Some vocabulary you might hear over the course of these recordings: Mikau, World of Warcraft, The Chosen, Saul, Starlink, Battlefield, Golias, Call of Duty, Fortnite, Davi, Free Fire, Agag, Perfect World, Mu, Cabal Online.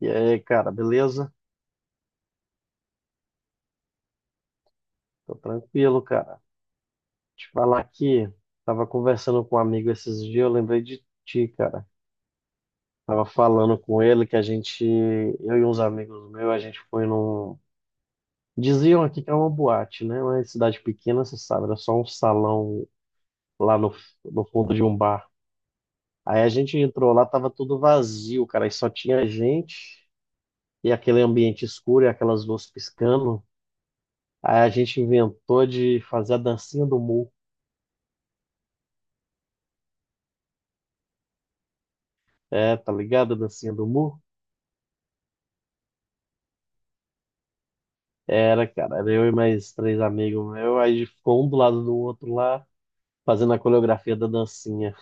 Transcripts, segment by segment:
E aí, cara, beleza? Tô tranquilo, cara. Te falar aqui, tava conversando com um amigo esses dias, eu lembrei de ti, cara. Tava falando com ele que a gente, eu e uns amigos meus, a gente foi num. Diziam aqui que é uma boate, né? Uma cidade pequena, você sabe, era só um salão lá no fundo de um bar. Aí a gente entrou lá, tava tudo vazio, cara, e só tinha gente, e aquele ambiente escuro, e aquelas luzes piscando. Aí a gente inventou de fazer a dancinha do Mu. É, tá ligado? A dancinha do Mu? Era, cara. Era eu e mais três amigos meus. Aí ficou um do lado do outro lá, fazendo a coreografia da dancinha.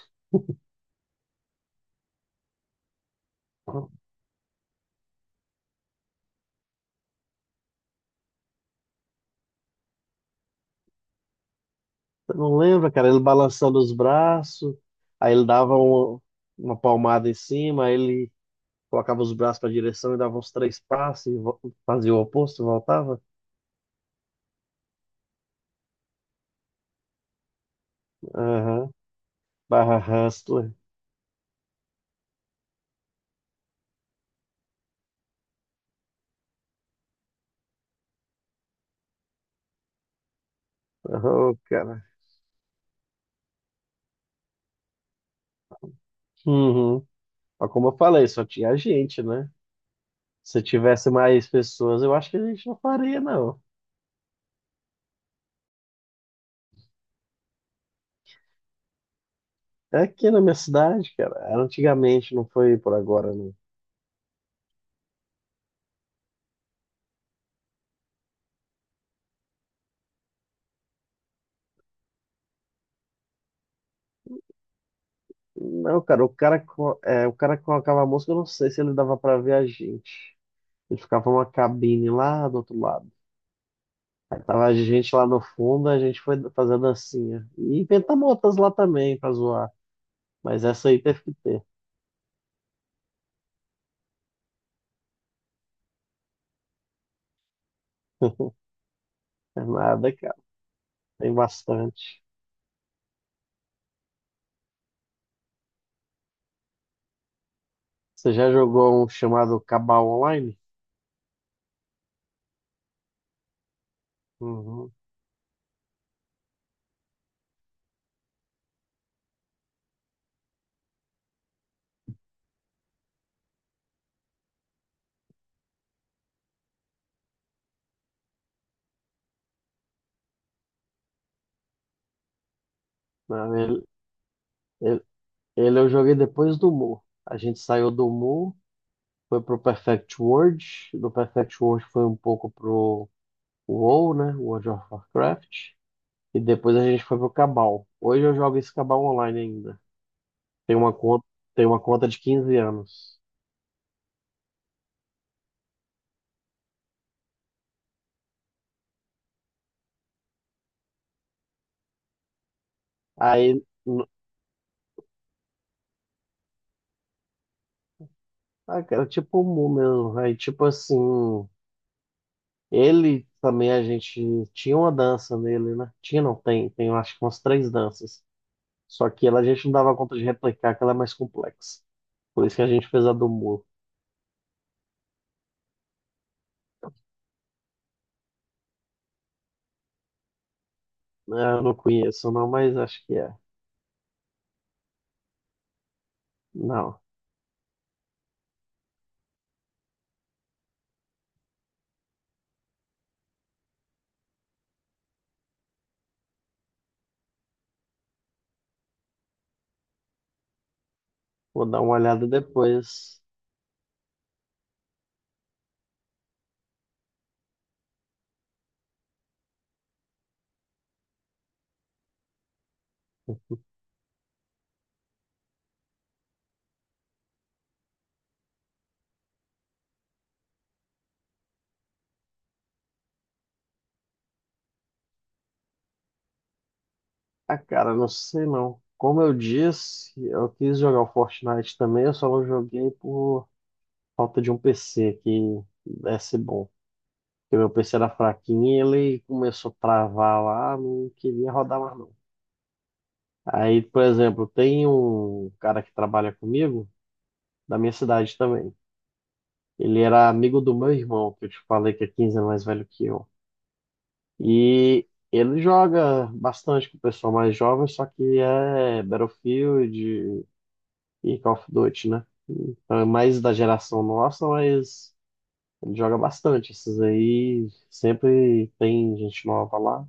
Você não lembra, cara? Ele balançando os braços, aí ele dava uma palmada em cima, aí ele colocava os braços para direção e dava uns três passos e fazia o oposto, voltava. Aham. Barra Hustler. Oh, cara. Uhum. Mas como eu falei, só tinha gente, né? Se tivesse mais pessoas, eu acho que a gente não faria, não. É aqui na minha cidade, cara. Era antigamente, não foi por agora, não. Não, cara, o cara que colocava a música, eu não sei se ele dava pra ver a gente. Ele ficava uma cabine lá do outro lado. Aí tava a gente lá no fundo, a gente foi fazer a dancinha. E inventamos outras lá também pra zoar. Mas essa aí teve que ter. É nada, cara. Tem bastante. Você já jogou um chamado Cabal Online? Uhum. Não, ele, ele eu joguei depois do Mu. A gente saiu do Mu. Foi pro Perfect World, do Perfect World foi um pouco pro WoW, né? World of Warcraft. E depois a gente foi pro Cabal. Hoje eu jogo esse Cabal online ainda. Tem uma conta, tem uma conta de 15 anos. Aí, ah, cara, é tipo o Mu mesmo. Aí, tipo assim, ele também a gente tinha uma dança nele, né? Tinha, não, tem, eu acho que umas três danças. Só que ela a gente não dava conta de replicar, que ela é mais complexa. Por isso que a gente fez a do Mu, né? Eu não conheço, não, mas acho que é. Não, vou dar uma olhada depois. Ah, cara, não sei não. Como eu disse, eu quis jogar o Fortnite também, eu só não joguei por falta de um PC que desse bom. Porque meu PC era fraquinho e ele começou a travar lá, não queria rodar mais não. Aí, por exemplo, tem um cara que trabalha comigo, da minha cidade também. Ele era amigo do meu irmão, que eu te falei que é 15 anos mais velho que eu. E ele joga bastante com o pessoal mais jovem, só que é Battlefield e Call of Duty, né? Então é mais da geração nossa, mas ele joga bastante. Esses aí sempre tem gente nova lá.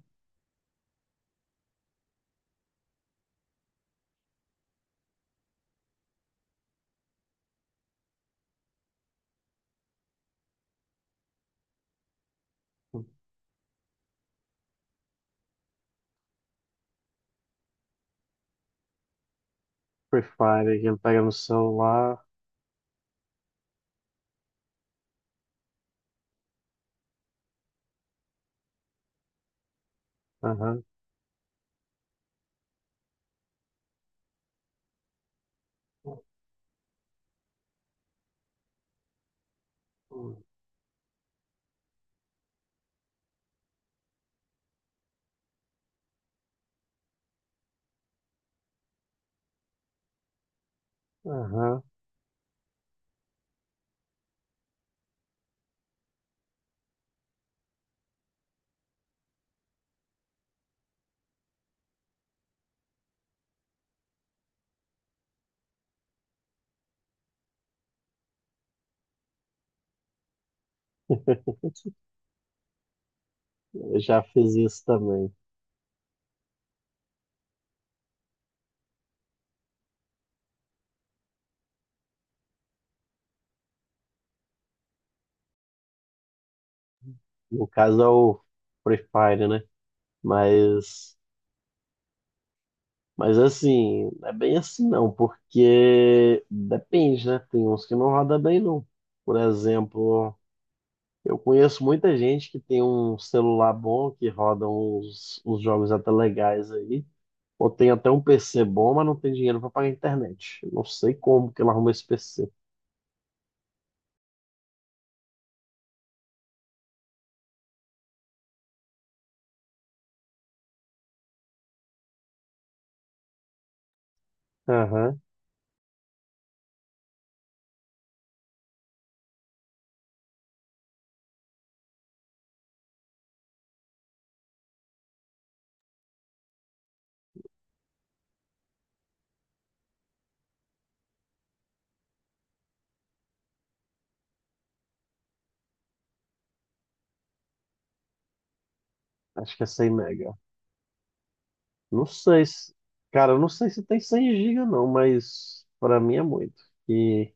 Free Fire que ele pega no celular. Aham. Aham. Eu já fiz isso também. No caso é o Free Fire, né? Mas, mas assim, não é bem assim não, porque depende, né? Tem uns que não roda bem não. Por exemplo, eu conheço muita gente que tem um celular bom, que roda uns jogos até legais aí, ou tem até um PC bom, mas não tem dinheiro para pagar a internet. Eu não sei como que ela arruma esse PC. Aham, acho que é 100 mega. Não sei se, cara, eu não sei se tem 100 gigas não, mas pra mim é muito. E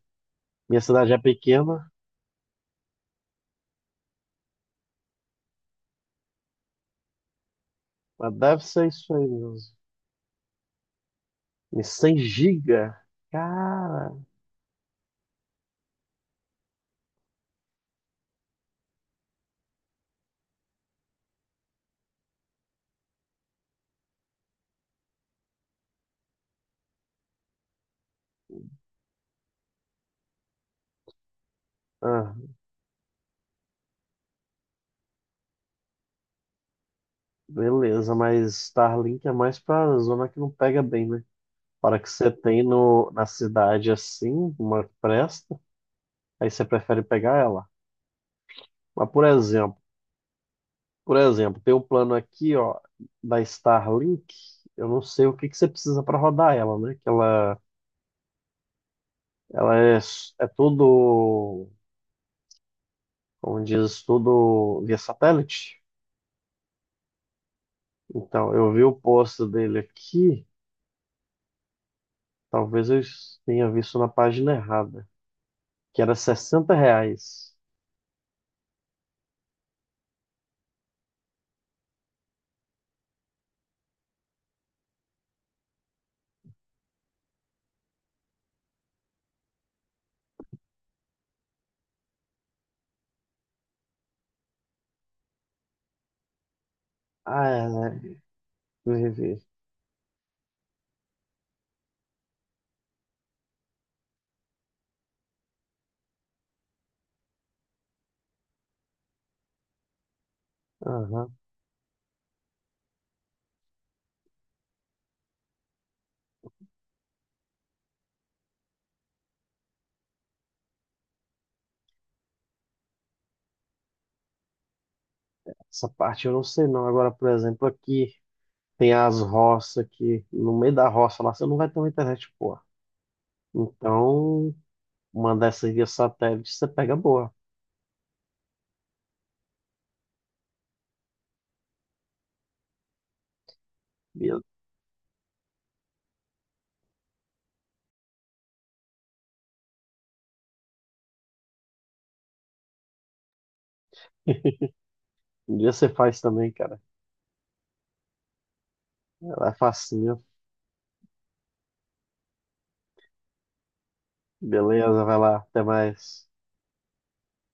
minha cidade é pequena, mas deve ser isso aí mesmo. E 100 giga? Cara, ah, beleza, mas Starlink é mais pra zona que não pega bem, né? Para que você tem no, na cidade assim, uma que presta, aí você prefere pegar ela. Mas por exemplo, tem um plano aqui, ó, da Starlink, eu não sei o que que você precisa para rodar ela, né? Que ela é tudo, como diz, tudo via satélite. Então, eu vi o post dele aqui, talvez eu tenha visto na página errada, que era R$ 60. Ah, é, né? Vivi. Aham. Essa parte eu não sei não. Agora, por exemplo, aqui tem as roças aqui, no meio da roça lá, você não vai ter uma internet boa. Então, uma dessas via satélite, você pega boa. E Um dia você faz também, cara. Ela é facinho. Beleza, vai lá, até mais.